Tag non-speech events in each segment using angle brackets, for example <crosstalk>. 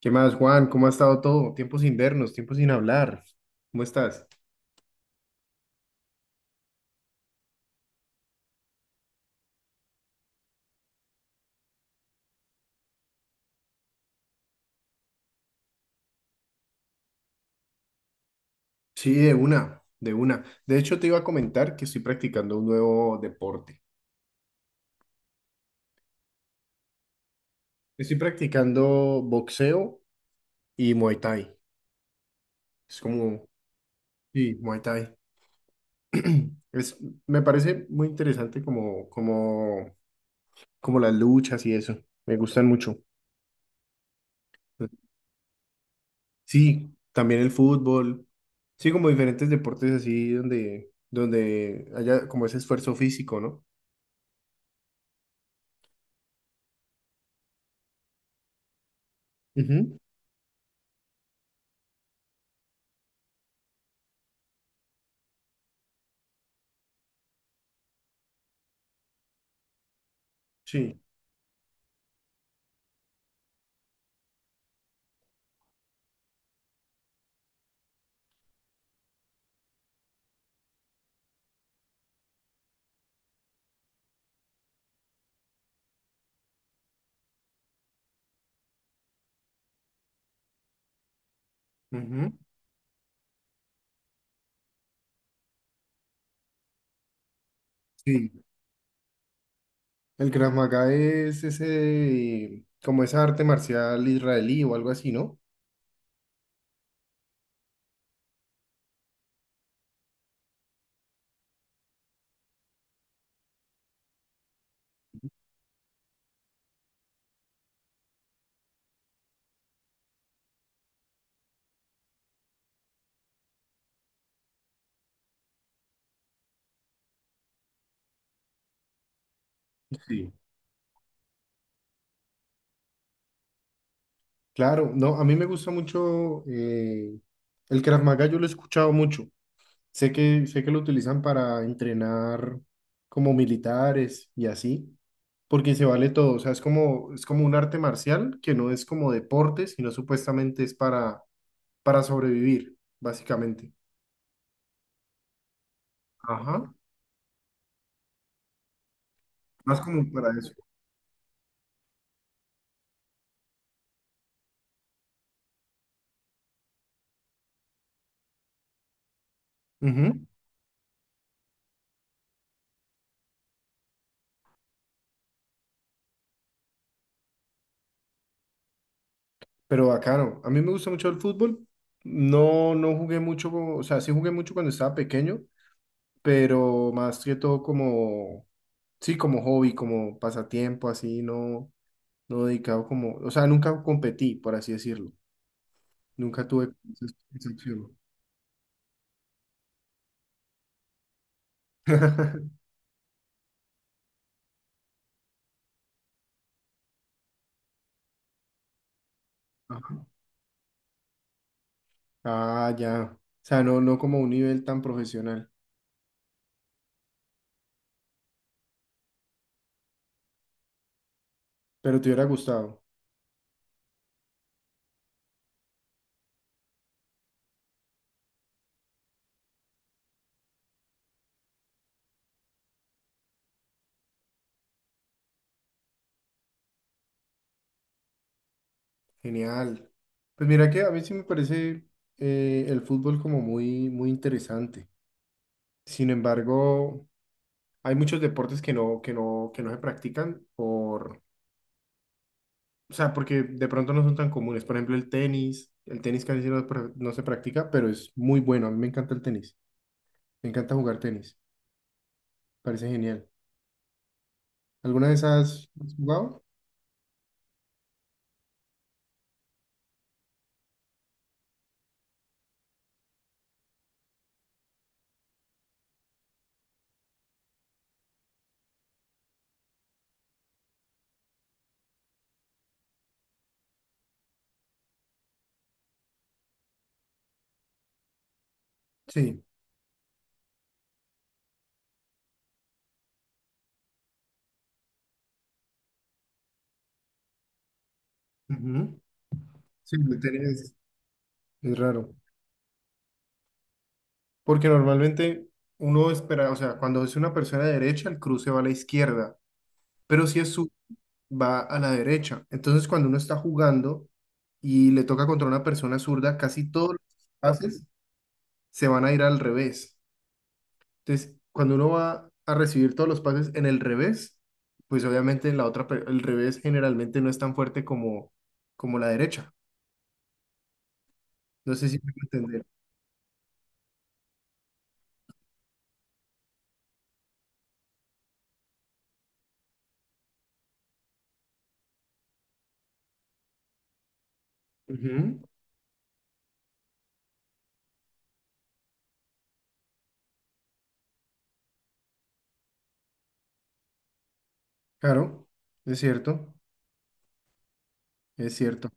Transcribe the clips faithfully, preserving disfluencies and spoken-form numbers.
¿Qué más, Juan? ¿Cómo ha estado todo? Tiempo sin vernos, tiempo sin hablar. ¿Cómo estás? Sí, de una, de una. De hecho, te iba a comentar que estoy practicando un nuevo deporte. Estoy practicando boxeo y Muay Thai. Es como, sí, Muay Thai. Es, Me parece muy interesante como, como, como las luchas y eso. Me gustan mucho. Sí, también el fútbol. Sí, como diferentes deportes así donde, donde haya como ese esfuerzo físico, ¿no? Ujú. Sí. Ujú. Sí, el Krav Maga es ese, como esa arte marcial israelí o algo así, ¿no? Sí. Claro, no, a mí me gusta mucho eh, el Krav Maga, yo lo he escuchado mucho. Sé que, sé que lo utilizan para entrenar como militares y así, porque se vale todo. O sea, es como, es como un arte marcial que no es como deporte, sino supuestamente es para, para sobrevivir, básicamente. Ajá. Más como para eso. Pero bacano. A mí me gusta mucho el fútbol. No, no jugué mucho, o sea, sí jugué mucho cuando estaba pequeño, pero más que todo como, sí, como hobby, como pasatiempo, así, no, no dedicado como, o sea, nunca competí, por así decirlo. Nunca tuve esa esa opción. <laughs> Ajá. Ah, ya. O sea, no, no como un nivel tan profesional, pero te hubiera gustado. Genial. Pues mira que a mí sí me parece eh, el fútbol como muy, muy interesante. Sin embargo, hay muchos deportes que no, que no, que no se practican por, o sea, porque de pronto no son tan comunes. Por ejemplo, el tenis, el tenis casi no, pra- no se practica, pero es muy bueno. A mí me encanta el tenis. Me encanta jugar tenis. Parece genial. ¿Alguna de esas has jugado? Sí. Ujú. Sí, el tenis es raro. Porque normalmente uno espera, o sea, cuando es una persona de derecha, el cruce va a la izquierda. Pero si es su va a la derecha. Entonces, cuando uno está jugando y le toca contra una persona zurda, casi todos los pases se van a ir al revés. Entonces, cuando uno va a recibir todos los pases en el revés, pues obviamente la otra, per- el revés generalmente no es tan fuerte como, como la derecha. No sé si me voy a entender. Ujú. Claro, es cierto, es cierto.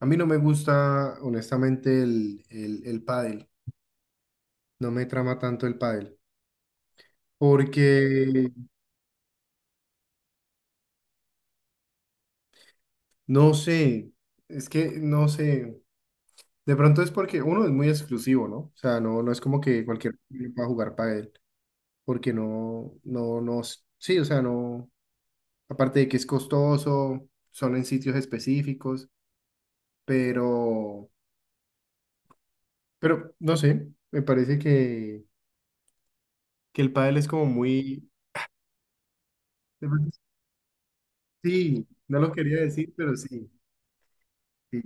A mí no me gusta, honestamente, el, el, el pádel. No me trama tanto el pádel. Porque no sé, es que no sé. De pronto es porque uno es muy exclusivo, ¿no? O sea, no, no es como que cualquier niño pueda jugar pádel, porque no, no, no, s- sí, o sea, no, aparte de que es costoso, son en sitios específicos, pero, pero no sé, me parece que, que el pádel es como muy, de pronto es- sí, no lo quería decir, pero sí, sí,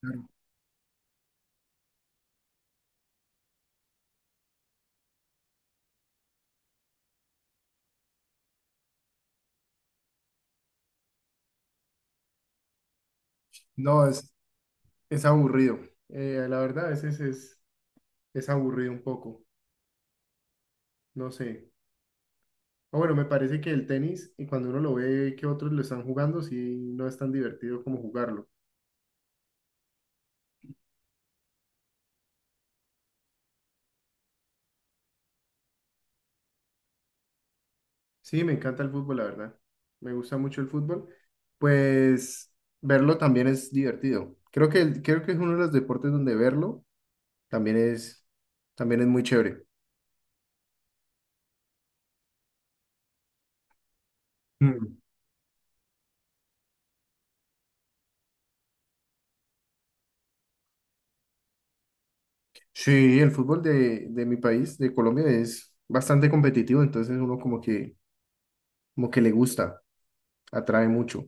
claro. No, es, es aburrido. Eh, la verdad, a veces es, es aburrido un poco, no sé. Ah, bueno, me parece que el tenis, y cuando uno lo ve que otros lo están jugando, sí, no es tan divertido como jugarlo. Sí, me encanta el fútbol, la verdad. Me gusta mucho el fútbol. Pues verlo también es divertido. Creo que, el- creo que es uno de los deportes donde verlo también es, también es muy chévere. Mm. Sí, el fútbol de, de mi país, de Colombia, es bastante competitivo, entonces uno como que, como que le gusta, atrae mucho.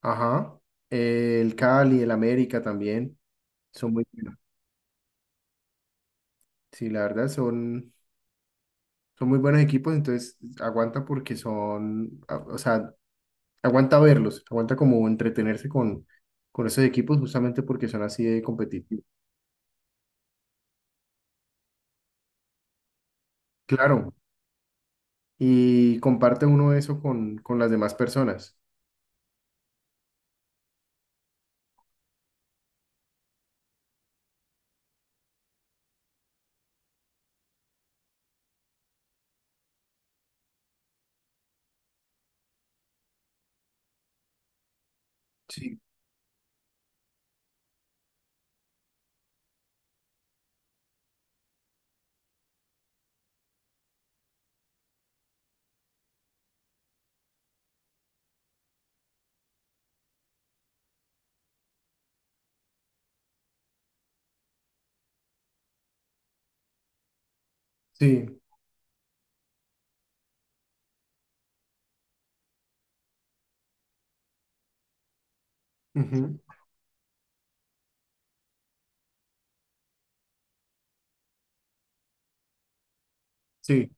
Ajá. El Cali, el América también, son muy buenos. Sí, la verdad son, son muy buenos equipos, entonces aguanta porque son, a- o sea, aguanta verlos, aguanta como entretenerse con, con esos equipos justamente porque son así de competitivos. Claro, y comparte uno eso con, con las demás personas. Sí. Sí, ujú, sí.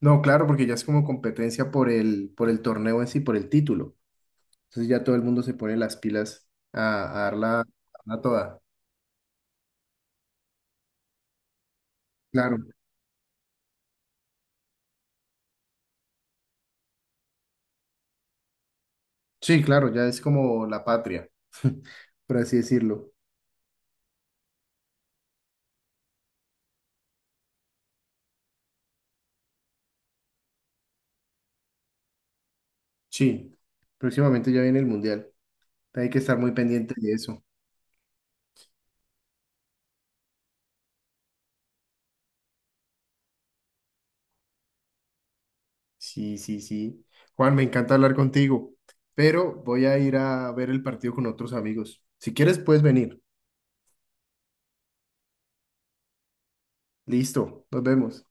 No, claro, porque ya es como competencia por el, por el torneo en sí, por el título. Entonces ya todo el mundo se pone las pilas a, a darla, a darla toda. Claro. Sí, claro, ya es como la patria, <laughs> por así decirlo. Sí, próximamente ya viene el mundial. Hay que estar muy pendiente de eso. Sí, sí, sí. Juan, me encanta hablar contigo, pero voy a ir a ver el partido con otros amigos. Si quieres, puedes venir. Listo, nos vemos.